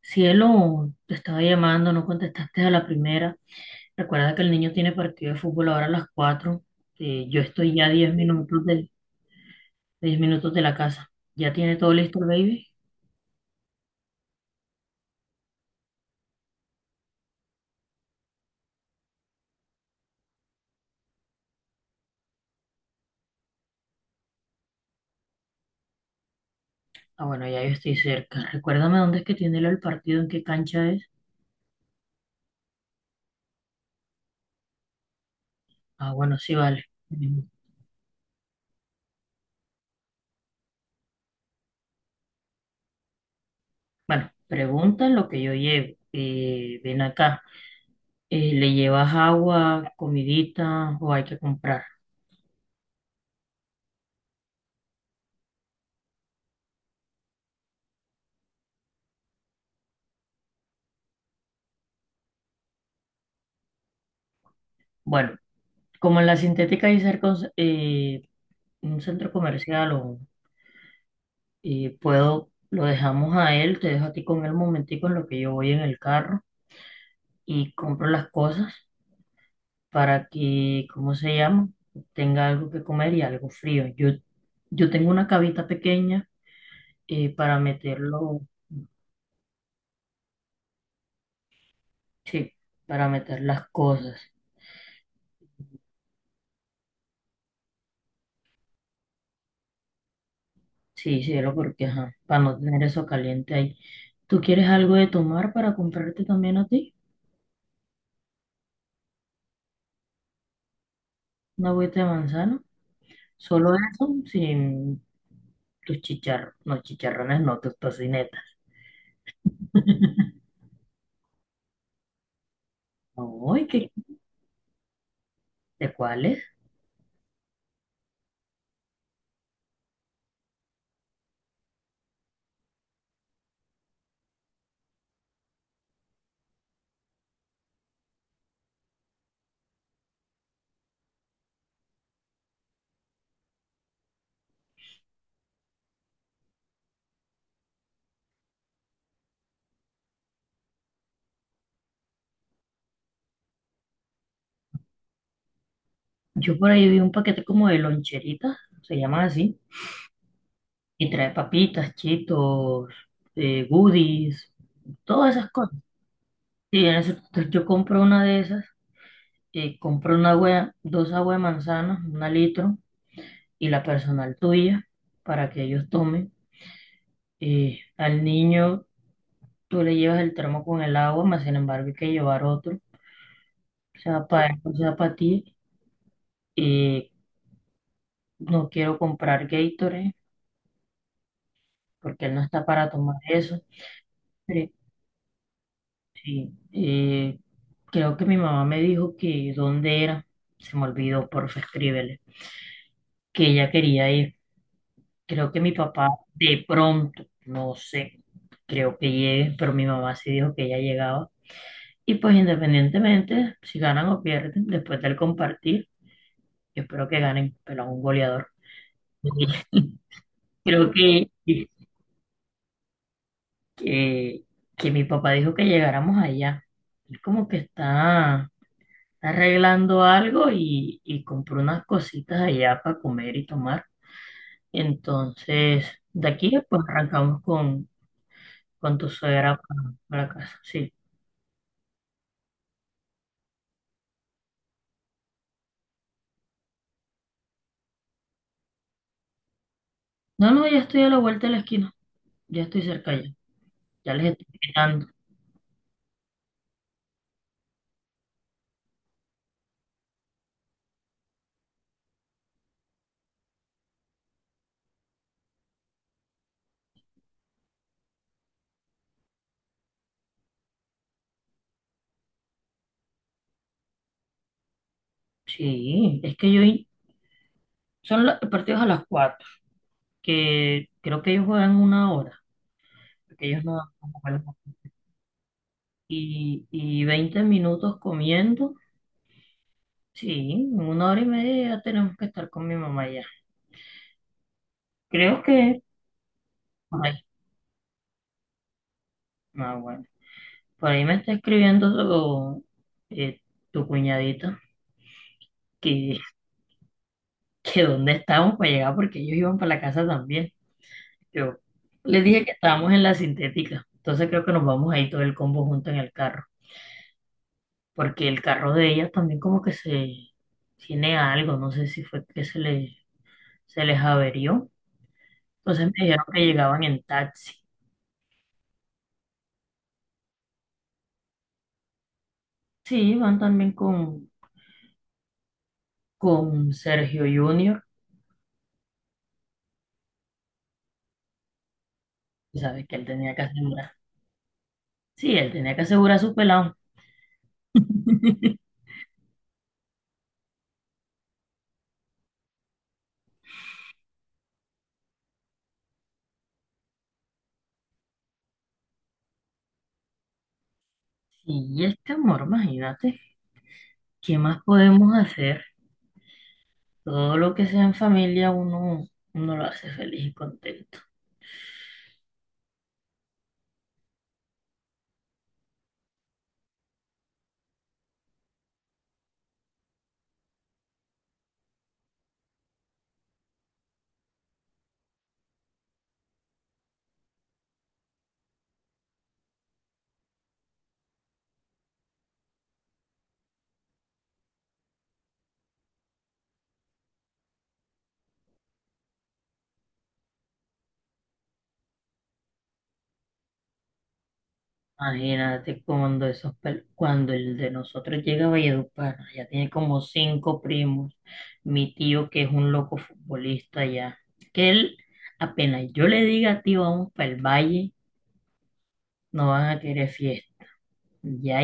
Cielo, te estaba llamando, no contestaste a la primera. Recuerda que el niño tiene partido de fútbol ahora a las 4. Yo estoy ya a 10 minutos de, 10 minutos de la casa. ¿Ya tiene todo listo el baby? Ah, bueno, ya yo estoy cerca. Recuérdame dónde es que tiene el partido, en qué cancha es. Ah, bueno, sí, vale. Bueno, pregunta lo que yo llevo. Ven acá. ¿Le llevas agua, comidita o hay que comprar? Bueno, como en la sintética hay cerca un centro comercial, o y puedo, lo dejamos a él, te dejo a ti con él un momentico en lo que yo voy en el carro y compro las cosas para que, ¿cómo se llama? Tenga algo que comer y algo frío. Yo tengo una cavita pequeña para meterlo, sí, para meter las cosas. Sí, cielo, porque ajá, para no tener eso caliente ahí. ¿Tú quieres algo de tomar para comprarte también a ti? ¿Una agüita de manzana? Solo eso, sin tus chicharrones, no, tus tocinetas. Ay, ¿qué, de cuáles? Yo por ahí vi un paquete como de loncheritas, se llaman así, y trae papitas, chitos, goodies, todas esas cosas. Sí, en eso, entonces yo compro una de esas, compro una agua, dos aguas de manzana, una litro, y la personal tuya, para que ellos tomen. Al niño tú le llevas el termo con el agua, más sin embargo hay que llevar otro, sea para él, o sea para ti. Eh, no quiero comprar Gatorade porque él no está para tomar eso. Pero sí, creo que mi mamá me dijo que dónde era, se me olvidó, porfa, escríbele, que ella quería ir. Creo que mi papá de pronto, no sé, creo que llegue, pero mi mamá sí dijo que ella llegaba. Y pues independientemente, si ganan o pierden, después del compartir, yo espero que ganen, pero a un goleador. Creo que, que, que mi papá dijo que llegáramos allá. Él como que está arreglando algo y compró unas cositas allá para comer y tomar. Entonces, de aquí pues arrancamos con tu suegra para, la casa. Sí. No, no, ya estoy a la vuelta de la esquina. Ya estoy cerca ya. Ya les estoy quitando. Sí, es que son los partidos a las 4 que creo que ellos juegan una hora, porque ellos no juegan. Y 20 minutos comiendo. Sí, en una hora y media ya tenemos que estar con mi mamá ya. Creo que. Ah, bueno. Por ahí me está escribiendo eh, tu cuñadita que, que dónde estábamos para llegar porque ellos iban para la casa también. Yo les dije que estábamos en la sintética, entonces creo que nos vamos ahí todo el combo junto en el carro, porque el carro de ellas también como que se tiene algo, no sé si fue que se les averió. Entonces me dijeron que llegaban en taxi. Sí, van también con Sergio Junior, sabes que él tenía que asegurar. Sí, él tenía que asegurar a su pelado. Y este amor, imagínate, ¿qué más podemos hacer? Todo lo que sea en familia, uno lo hace feliz y contento. Imagínate cuando cuando el de nosotros llega a Valledupar, ya tiene como cinco primos, mi tío que es un loco futbolista ya, que él, apenas yo le diga tío, vamos para el valle, no van a querer fiesta. Ya.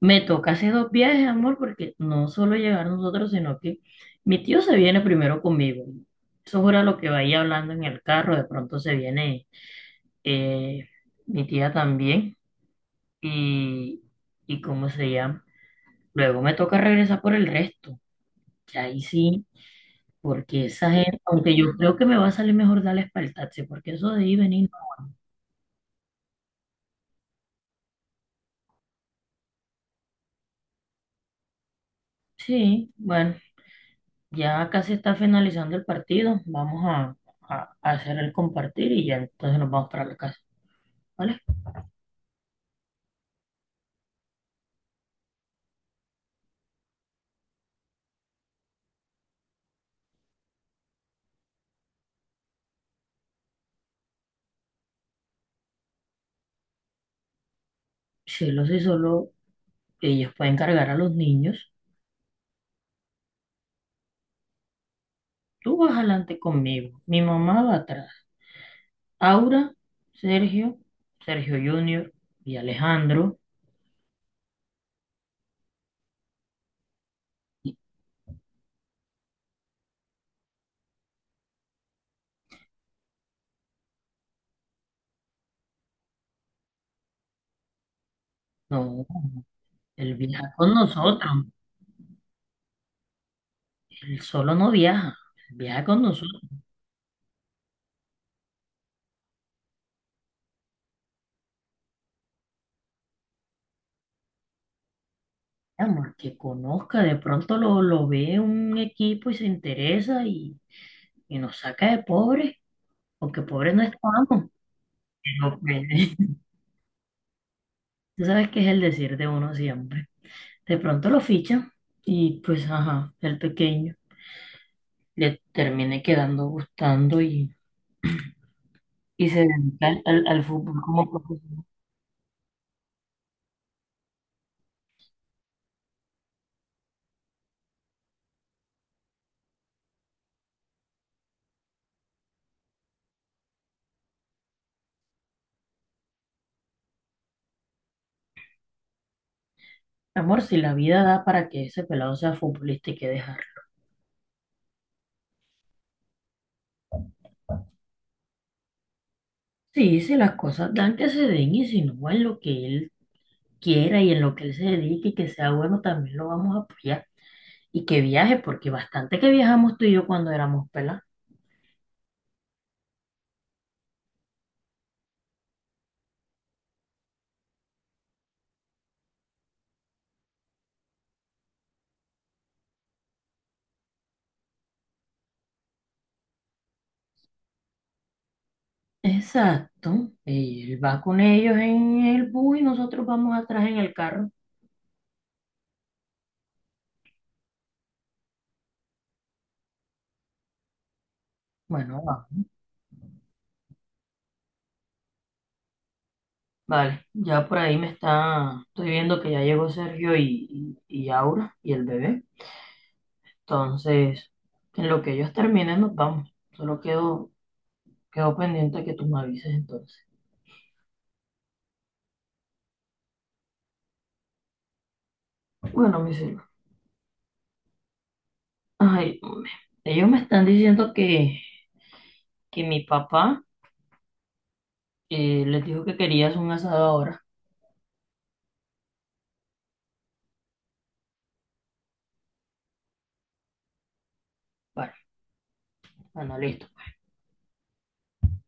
Me toca hacer dos viajes, amor, porque no solo llegar nosotros, sino que mi tío se viene primero conmigo. Eso era lo que vaya hablando en el carro. De pronto se viene eh, mi tía también. Y, y cómo se llama. Luego me toca regresar por el resto. Y ahí sí, porque esa gente, aunque yo creo que me va a salir mejor darle espalda al taxi, porque eso de ahí venir. Sí, bueno, ya casi está finalizando el partido. Vamos a, a hacer el compartir y ya entonces nos vamos para la casa. ¿Vale? Cielo, si él hace solo, ellos pueden cargar a los niños. Tú vas adelante conmigo, mi mamá va atrás. Aura, Sergio, Sergio Junior y Alejandro. Y. No, él viaja con nosotros, él solo no viaja, él viaja con nosotros. Vamos, que conozca, de pronto lo ve un equipo y se interesa y nos saca de pobres, porque pobres no estamos. Pero, pues, tú sabes que es el decir de uno siempre. De pronto lo ficha y pues, ajá, el pequeño le termine quedando gustando y se dedica al fútbol como profesional. Amor, si la vida da para que ese pelado sea futbolista, hay que dejarlo. Sí, si las cosas dan que se den y si no, en lo que él quiera y en lo que él se dedique y que sea bueno, también lo vamos a apoyar. Y que viaje, porque bastante que viajamos tú y yo cuando éramos pelados. Exacto. Él va con ellos en el bus y nosotros vamos atrás en el carro. Bueno. Vale, ya por ahí estoy viendo que ya llegó Sergio y Aura y el bebé. Entonces, en lo que ellos terminen nos vamos. Solo quedo pendiente a que tú me avises entonces. Bueno, mi cielo. Ay, hombre. Ellos me están diciendo que mi papá les dijo que querías un asado ahora. Vale, bueno, listo.